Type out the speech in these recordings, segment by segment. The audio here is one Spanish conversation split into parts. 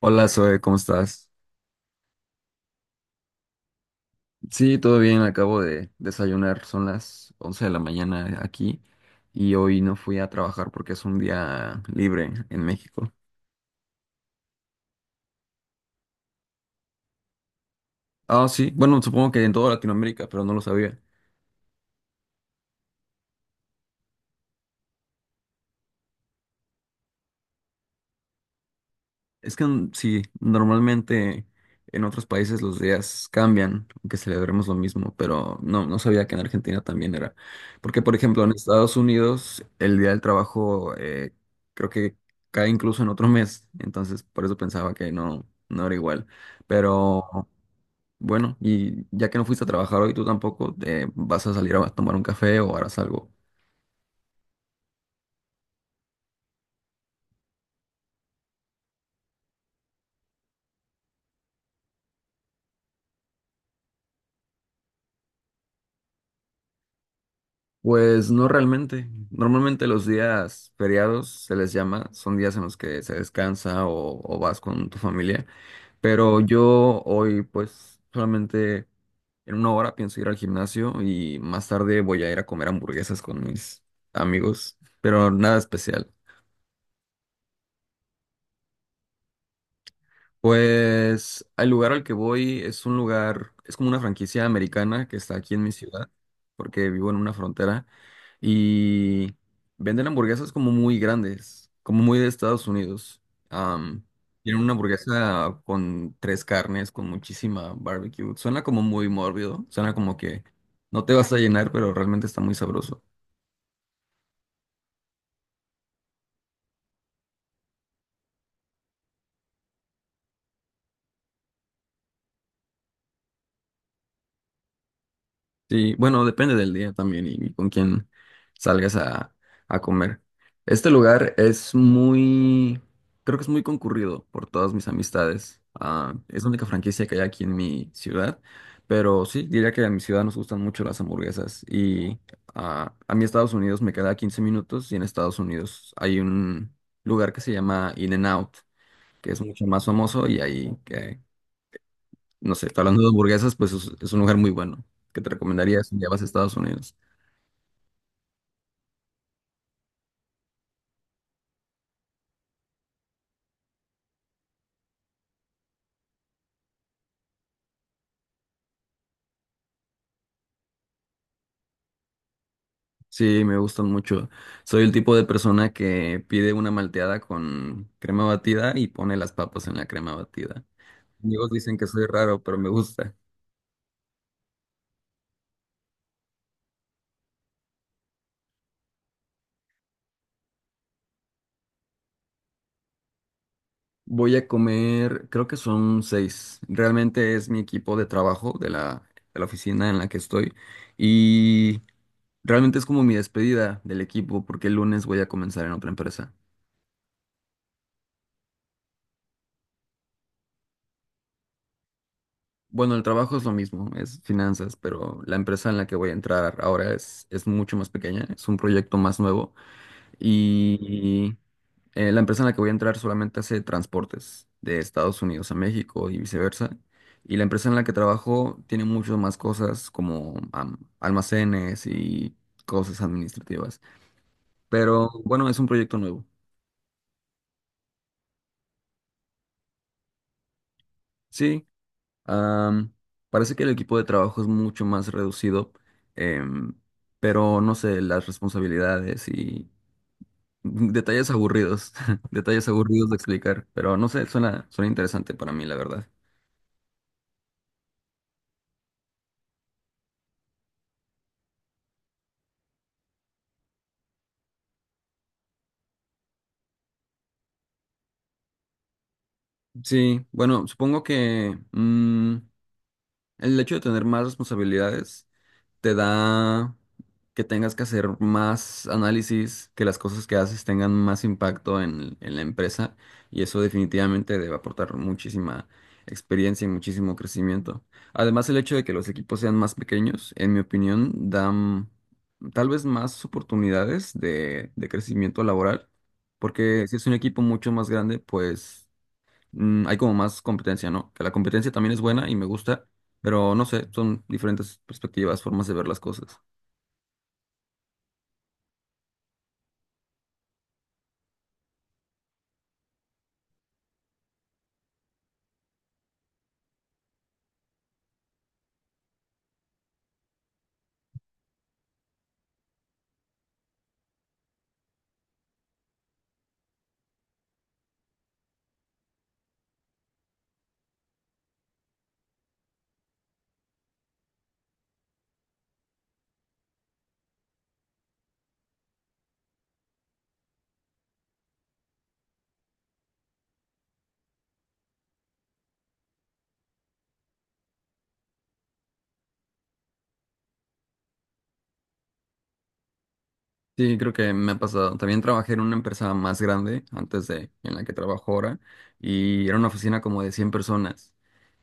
Hola Zoe, ¿cómo estás? Sí, todo bien, acabo de desayunar, son las 11 de la mañana aquí y hoy no fui a trabajar porque es un día libre en México. Ah, sí, bueno, supongo que en toda Latinoamérica, pero no lo sabía. Es que sí, normalmente en otros países los días cambian, aunque celebremos lo mismo, pero no, no sabía que en Argentina también era. Porque, por ejemplo, en Estados Unidos el Día del Trabajo, creo que cae incluso en otro mes, entonces por eso pensaba que no, no era igual. Pero bueno, y ya que no fuiste a trabajar hoy, tú tampoco, vas a salir a tomar un café o harás algo. Pues no realmente. Normalmente los días feriados se les llama, son días en los que se descansa o vas con tu familia, pero yo hoy pues solamente en una hora pienso ir al gimnasio y más tarde voy a ir a comer hamburguesas con mis amigos, pero nada especial. Pues el lugar al que voy es un lugar, es como una franquicia americana que está aquí en mi ciudad, porque vivo en una frontera, y venden hamburguesas como muy grandes, como muy de Estados Unidos. Am, tienen una hamburguesa con tres carnes, con muchísima barbecue. Suena como muy mórbido, suena como que no te vas a llenar, pero realmente está muy sabroso. Sí, bueno, depende del día también y con quién salgas a comer. Este lugar es muy, creo que es muy concurrido por todas mis amistades. Ah, es la única franquicia que hay aquí en mi ciudad, pero sí, diría que a mi ciudad nos gustan mucho las hamburguesas y ah, a mí Estados Unidos me queda 15 minutos y en Estados Unidos hay un lugar que se llama In-N-Out, que es mucho más famoso y ahí no sé, está hablando de hamburguesas, pues es un lugar muy bueno que te recomendaría si ya vas a Estados Unidos. Sí, me gustan mucho. Soy el tipo de persona que pide una malteada con crema batida y pone las papas en la crema batida. Amigos dicen que soy raro, pero me gusta. Voy a comer, creo que son seis. Realmente es mi equipo de trabajo de la oficina en la que estoy. Y realmente es como mi despedida del equipo porque el lunes voy a comenzar en otra empresa. Bueno, el trabajo es lo mismo, es finanzas, pero la empresa en la que voy a entrar ahora es mucho más pequeña, es un proyecto más nuevo y la empresa en la que voy a entrar solamente hace transportes de Estados Unidos a México y viceversa. Y la empresa en la que trabajo tiene muchas más cosas como am- almacenes y cosas administrativas. Pero bueno, es un proyecto nuevo. Sí. Am, Parece que el equipo de trabajo es mucho más reducido, em, pero no sé, las responsabilidades y detalles aburridos, detalles aburridos de explicar, pero no sé, suena, suena interesante para mí, la verdad. Sí, bueno, supongo que el hecho de tener más responsabilidades te da que tengas que hacer más análisis, que las cosas que haces tengan más impacto en la empresa y eso definitivamente debe aportar muchísima experiencia y muchísimo crecimiento. Además, el hecho de que los equipos sean más pequeños, en mi opinión, dan tal vez más oportunidades de crecimiento laboral, porque si es un equipo mucho más grande, pues hay como más competencia, ¿no? Que la competencia también es buena y me gusta, pero no sé, son diferentes perspectivas, formas de ver las cosas. Sí, creo que me ha pasado. También trabajé en una empresa más grande antes de en la que trabajo ahora y era una oficina como de 100 personas.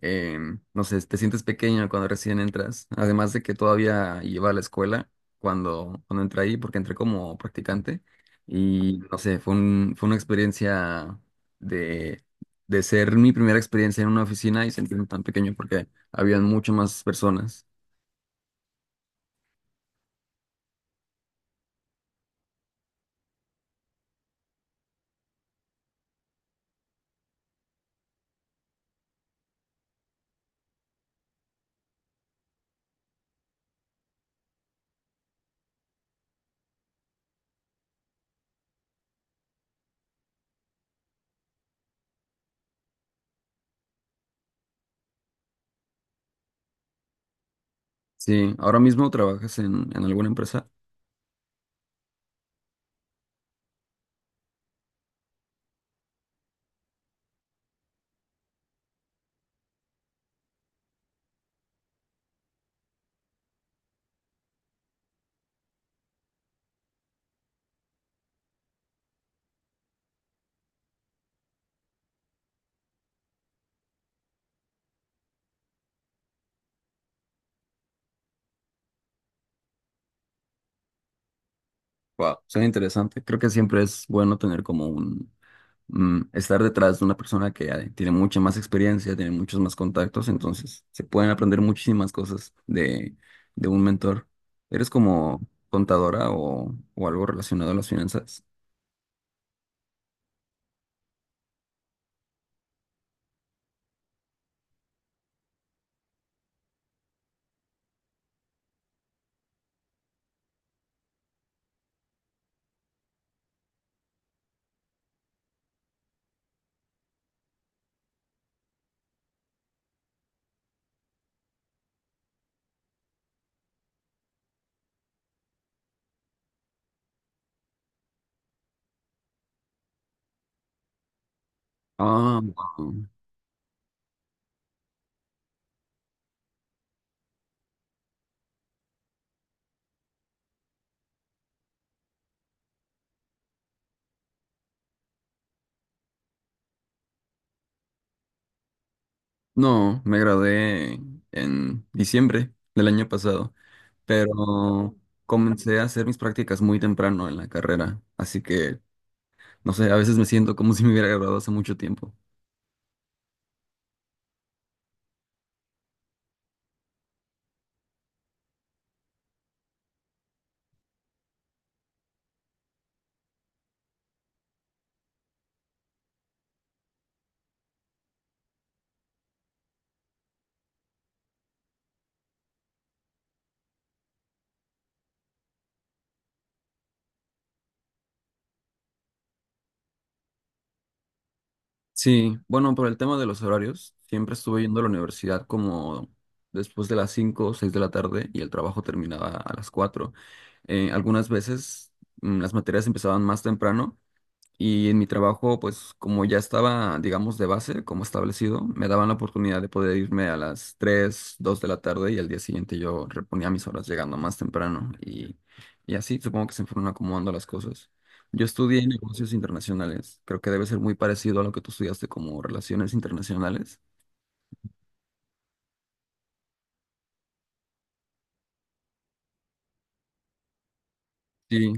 eh, no sé, te sientes pequeño cuando recién entras, además de que todavía iba a la escuela cuando, cuando entré ahí, porque entré como practicante y no sé, fue un, fue una experiencia de, de ser mi primera experiencia en una oficina y sentirme tan pequeño porque habían muchas más personas. Sí, ahora mismo trabajas en alguna empresa. Wow, suena interesante. Creo que siempre es bueno tener como un, estar detrás de una persona que tiene mucha más experiencia, tiene muchos más contactos, entonces se pueden aprender muchísimas cosas de un mentor. ¿Eres como contadora o algo relacionado a las finanzas? Ah, wow. No, me gradué en diciembre del año pasado, pero comencé a hacer mis prácticas muy temprano en la carrera, así que, no sé, a veces me siento como si me hubiera graduado hace mucho tiempo. Sí, bueno, por el tema de los horarios, siempre estuve yendo a la universidad como después de las 5, o 6 de la tarde y el trabajo terminaba a las 4. Algunas veces las materias empezaban más temprano y en mi trabajo, pues como ya estaba, digamos, de base, como establecido, me daban la oportunidad de poder irme a las 3 2 de la tarde y al día siguiente yo reponía mis horas llegando más temprano. Y así supongo que se fueron acomodando las cosas. Yo estudié negocios internacionales. Creo que debe ser muy parecido a lo que tú estudiaste como relaciones internacionales. Sí,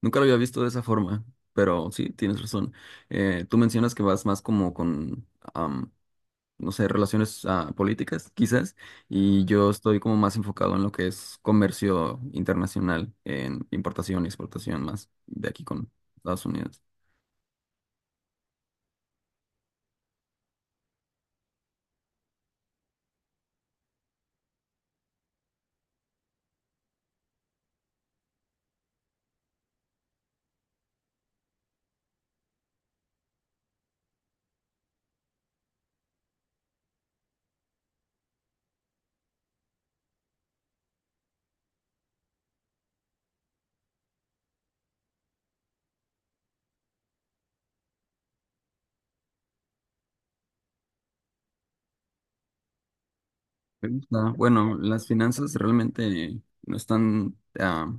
nunca lo había visto de esa forma, pero sí, tienes razón. Tú mencionas que vas más como con... no sé, relaciones ah, políticas, quizás, y yo estoy como más enfocado en lo que es comercio internacional, en importación y exportación más de aquí con Estados Unidos. Me gusta. Bueno, las finanzas realmente no están, ah,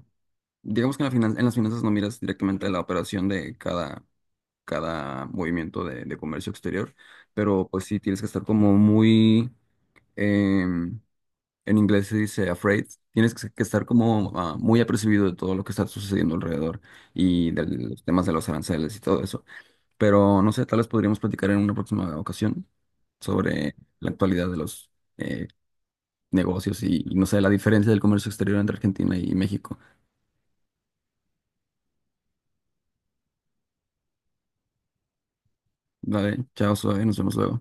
digamos que en, la finan- en las finanzas no miras directamente la operación de cada, cada movimiento de comercio exterior, pero pues sí tienes que estar como muy... em, en inglés se dice afraid. Tienes que estar como ah, muy apercibido de todo lo que está sucediendo alrededor y de los temas de los aranceles y todo eso. Pero no sé, tal vez podríamos platicar en una próxima ocasión sobre la actualidad de los eh, negocios y no sé, la diferencia del comercio exterior entre Argentina y México. Vale, chao, suave, nos vemos luego.